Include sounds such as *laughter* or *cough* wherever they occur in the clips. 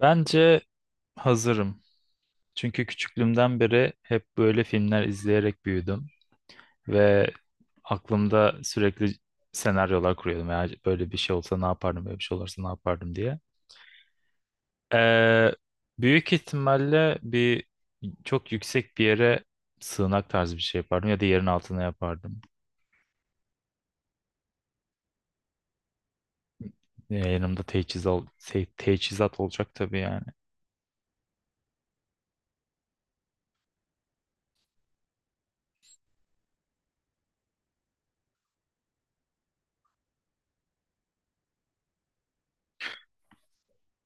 Bence hazırım. Çünkü küçüklüğümden beri hep böyle filmler izleyerek büyüdüm ve aklımda sürekli senaryolar kuruyordum. Ya böyle bir şey olsa ne yapardım, böyle bir şey olursa ne yapardım diye. Ee, Büyük ihtimalle çok yüksek bir yere sığınak tarzı bir şey yapardım ya da yerin altına yapardım. Yanımda teçhizat olacak tabii yani.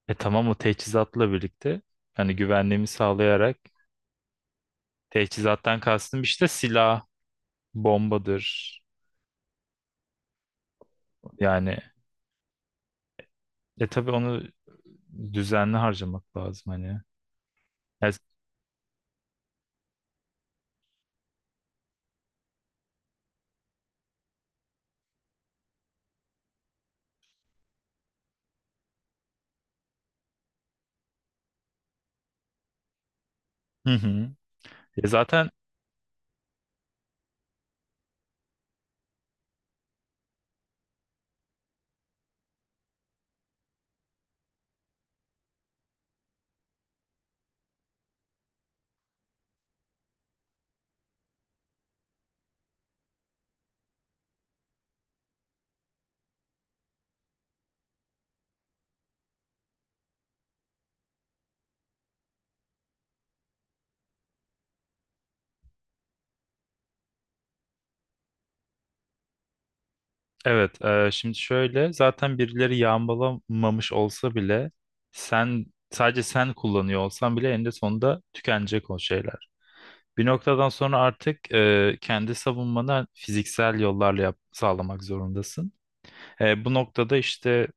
E tamam, o teçhizatla birlikte hani güvenliğimi sağlayarak. Teçhizattan kastım işte silah, bombadır. Yani tabii onu düzenli harcamak lazım hani. Ya- hı hı. Ya zaten evet, şimdi şöyle, zaten birileri yağmalamamış olsa bile sen sadece kullanıyor olsan bile eninde sonunda tükenecek o şeyler. Bir noktadan sonra artık kendi savunmanı fiziksel yollarla sağlamak zorundasın. Bu noktada işte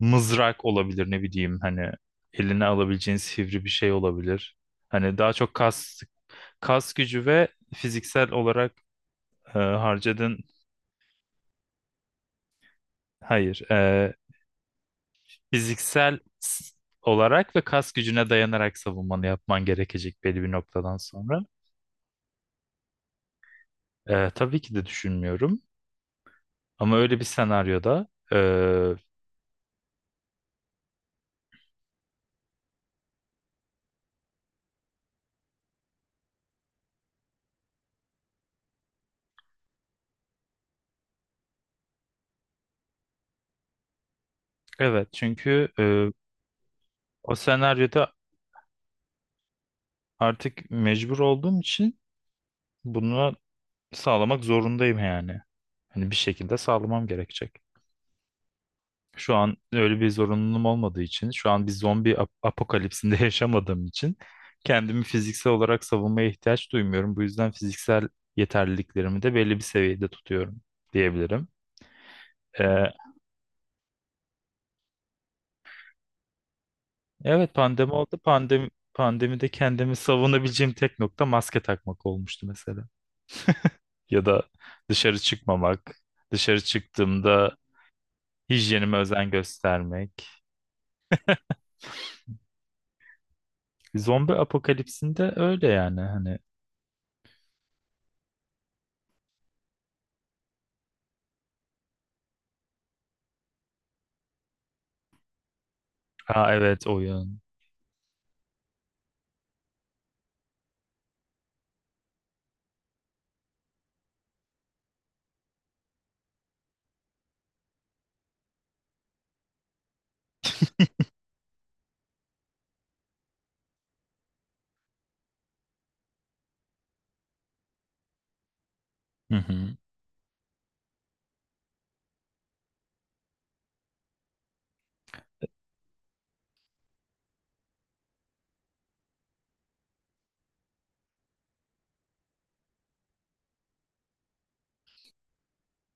mızrak olabilir, ne bileyim hani, eline alabileceğin sivri bir şey olabilir. Hani daha çok kas. Kas gücü ve fiziksel olarak e, harcadığın, hayır, fiziksel s- olarak ve kas gücüne dayanarak savunmanı yapman gerekecek belli bir noktadan sonra. Tabii ki de düşünmüyorum. Ama öyle bir senaryoda, evet çünkü o senaryoda artık mecbur olduğum için bunu sağlamak zorundayım yani. Hani bir şekilde sağlamam gerekecek. Şu an öyle bir zorunluluğum olmadığı için, şu an bir apokalipsinde *laughs* yaşamadığım için kendimi fiziksel olarak savunmaya ihtiyaç duymuyorum. Bu yüzden fiziksel yeterliliklerimi de belli bir seviyede tutuyorum diyebilirim. Ee, evet, pandemi oldu. Pandemide kendimi savunabileceğim tek nokta maske takmak olmuştu mesela. Ya da dışarı çıkmamak, dışarı çıktığımda hijyenime özen göstermek. Zombi apokalipsinde öyle yani hani. Aa, evet, oyun. Hı hı.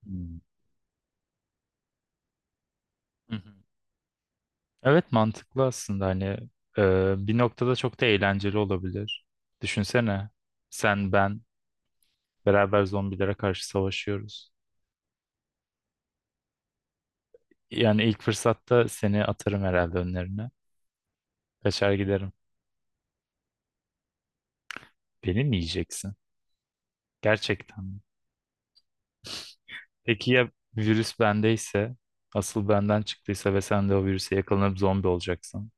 Hmm. Hı hı. Evet, mantıklı aslında hani, bir noktada çok da eğlenceli olabilir. Düşünsene, sen ben beraber zombilere karşı savaşıyoruz. Yani ilk fırsatta seni atarım herhalde önlerine. Kaçar giderim. Beni mi yiyeceksin? Gerçekten mi? Peki ya virüs bendeyse, asıl benden çıktıysa ve sen de o virüse yakalanıp zombi olacaksın?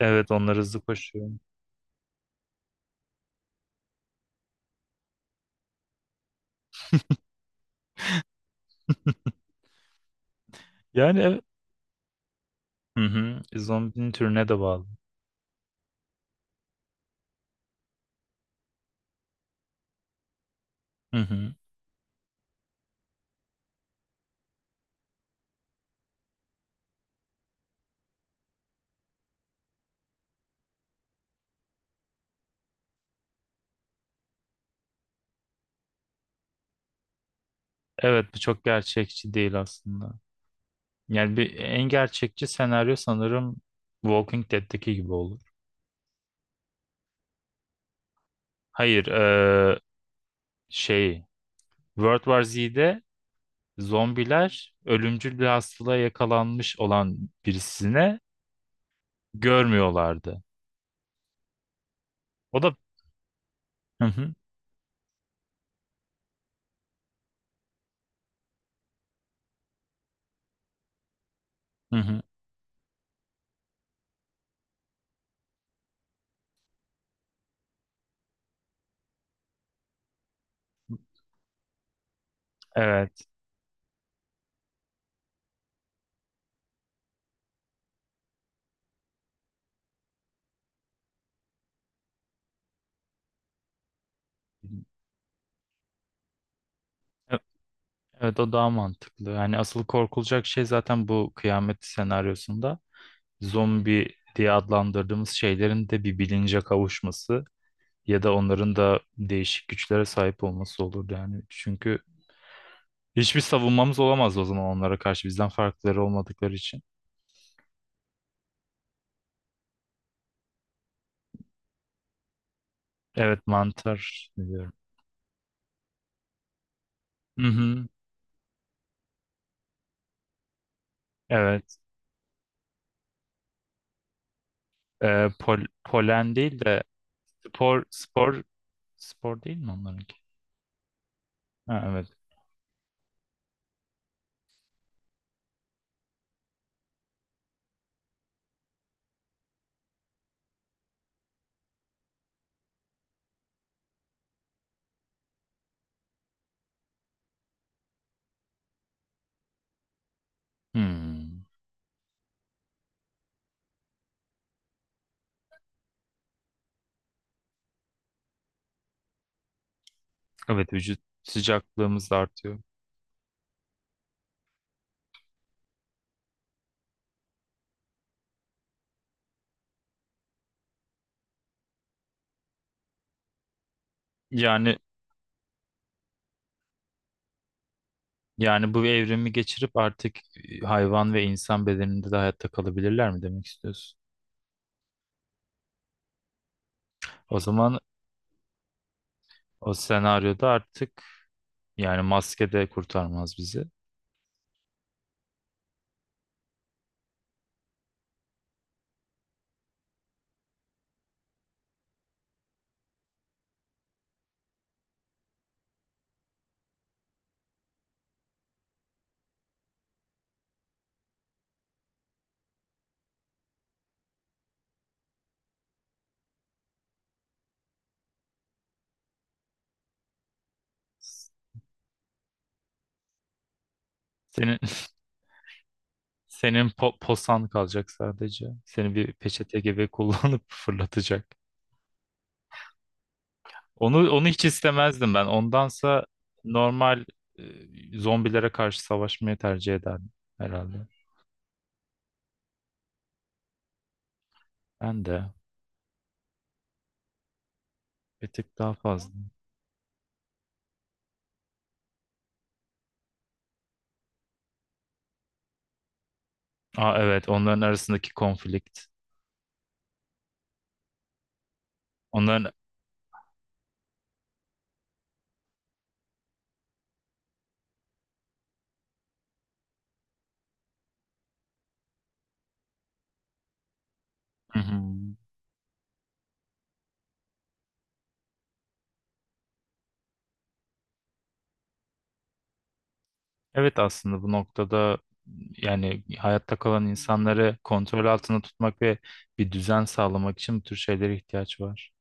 Evet, onlar hızlı koşuyor. Yani evet. Hı hı. Zombinin türüne de bağlı. Hı hı. Evet, bu çok gerçekçi değil aslında. Yani en gerçekçi senaryo sanırım Walking Dead'teki gibi olur. Hayır, şey, World War Z'de zombiler ölümcül bir hastalığa yakalanmış olan birisine görmüyorlardı. O da hı hı, hı hı. Evet. E- Evet, o daha mantıklı. Yani asıl korkulacak şey zaten bu kıyamet senaryosunda, zombi diye adlandırdığımız şeylerin de bir bilince kavuşması ya da onların da değişik güçlere sahip olması olurdu yani. Çünkü hiçbir savunmamız olamaz o zaman onlara karşı, bizden farkları olmadıkları için. Evet, mantar diyorum. Hı hı, evet. Polen değil de spor spor değil mi onlarınki? Ha, evet. Hmm. Evet, vücut sıcaklığımız da artıyor. Yani, yani bu evrimi geçirip artık hayvan ve insan bedeninde de hayatta kalabilirler mi demek istiyorsun? O zaman o senaryoda artık, yani maske de kurtarmaz bizi. Senin *laughs* posan kalacak sadece. Seni bir peçete gibi kullanıp *laughs* fırlatacak. Onu hiç istemezdim ben. Ondansa normal, zombilere karşı savaşmayı tercih ederdim herhalde. Ben de. Bir tık daha fazla. Aa, evet, onların arasındaki konflikt. Onların. Hı hı. Evet, aslında bu noktada, yani hayatta kalan insanları kontrol altında tutmak ve bir düzen sağlamak için bu tür şeylere ihtiyaç var.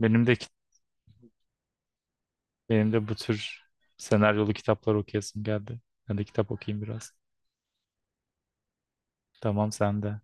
Benim de kit- Benim de bu tür senaryolu kitaplar okuyasım geldi. Ben de kitap okuyayım biraz. Tamam, sen de.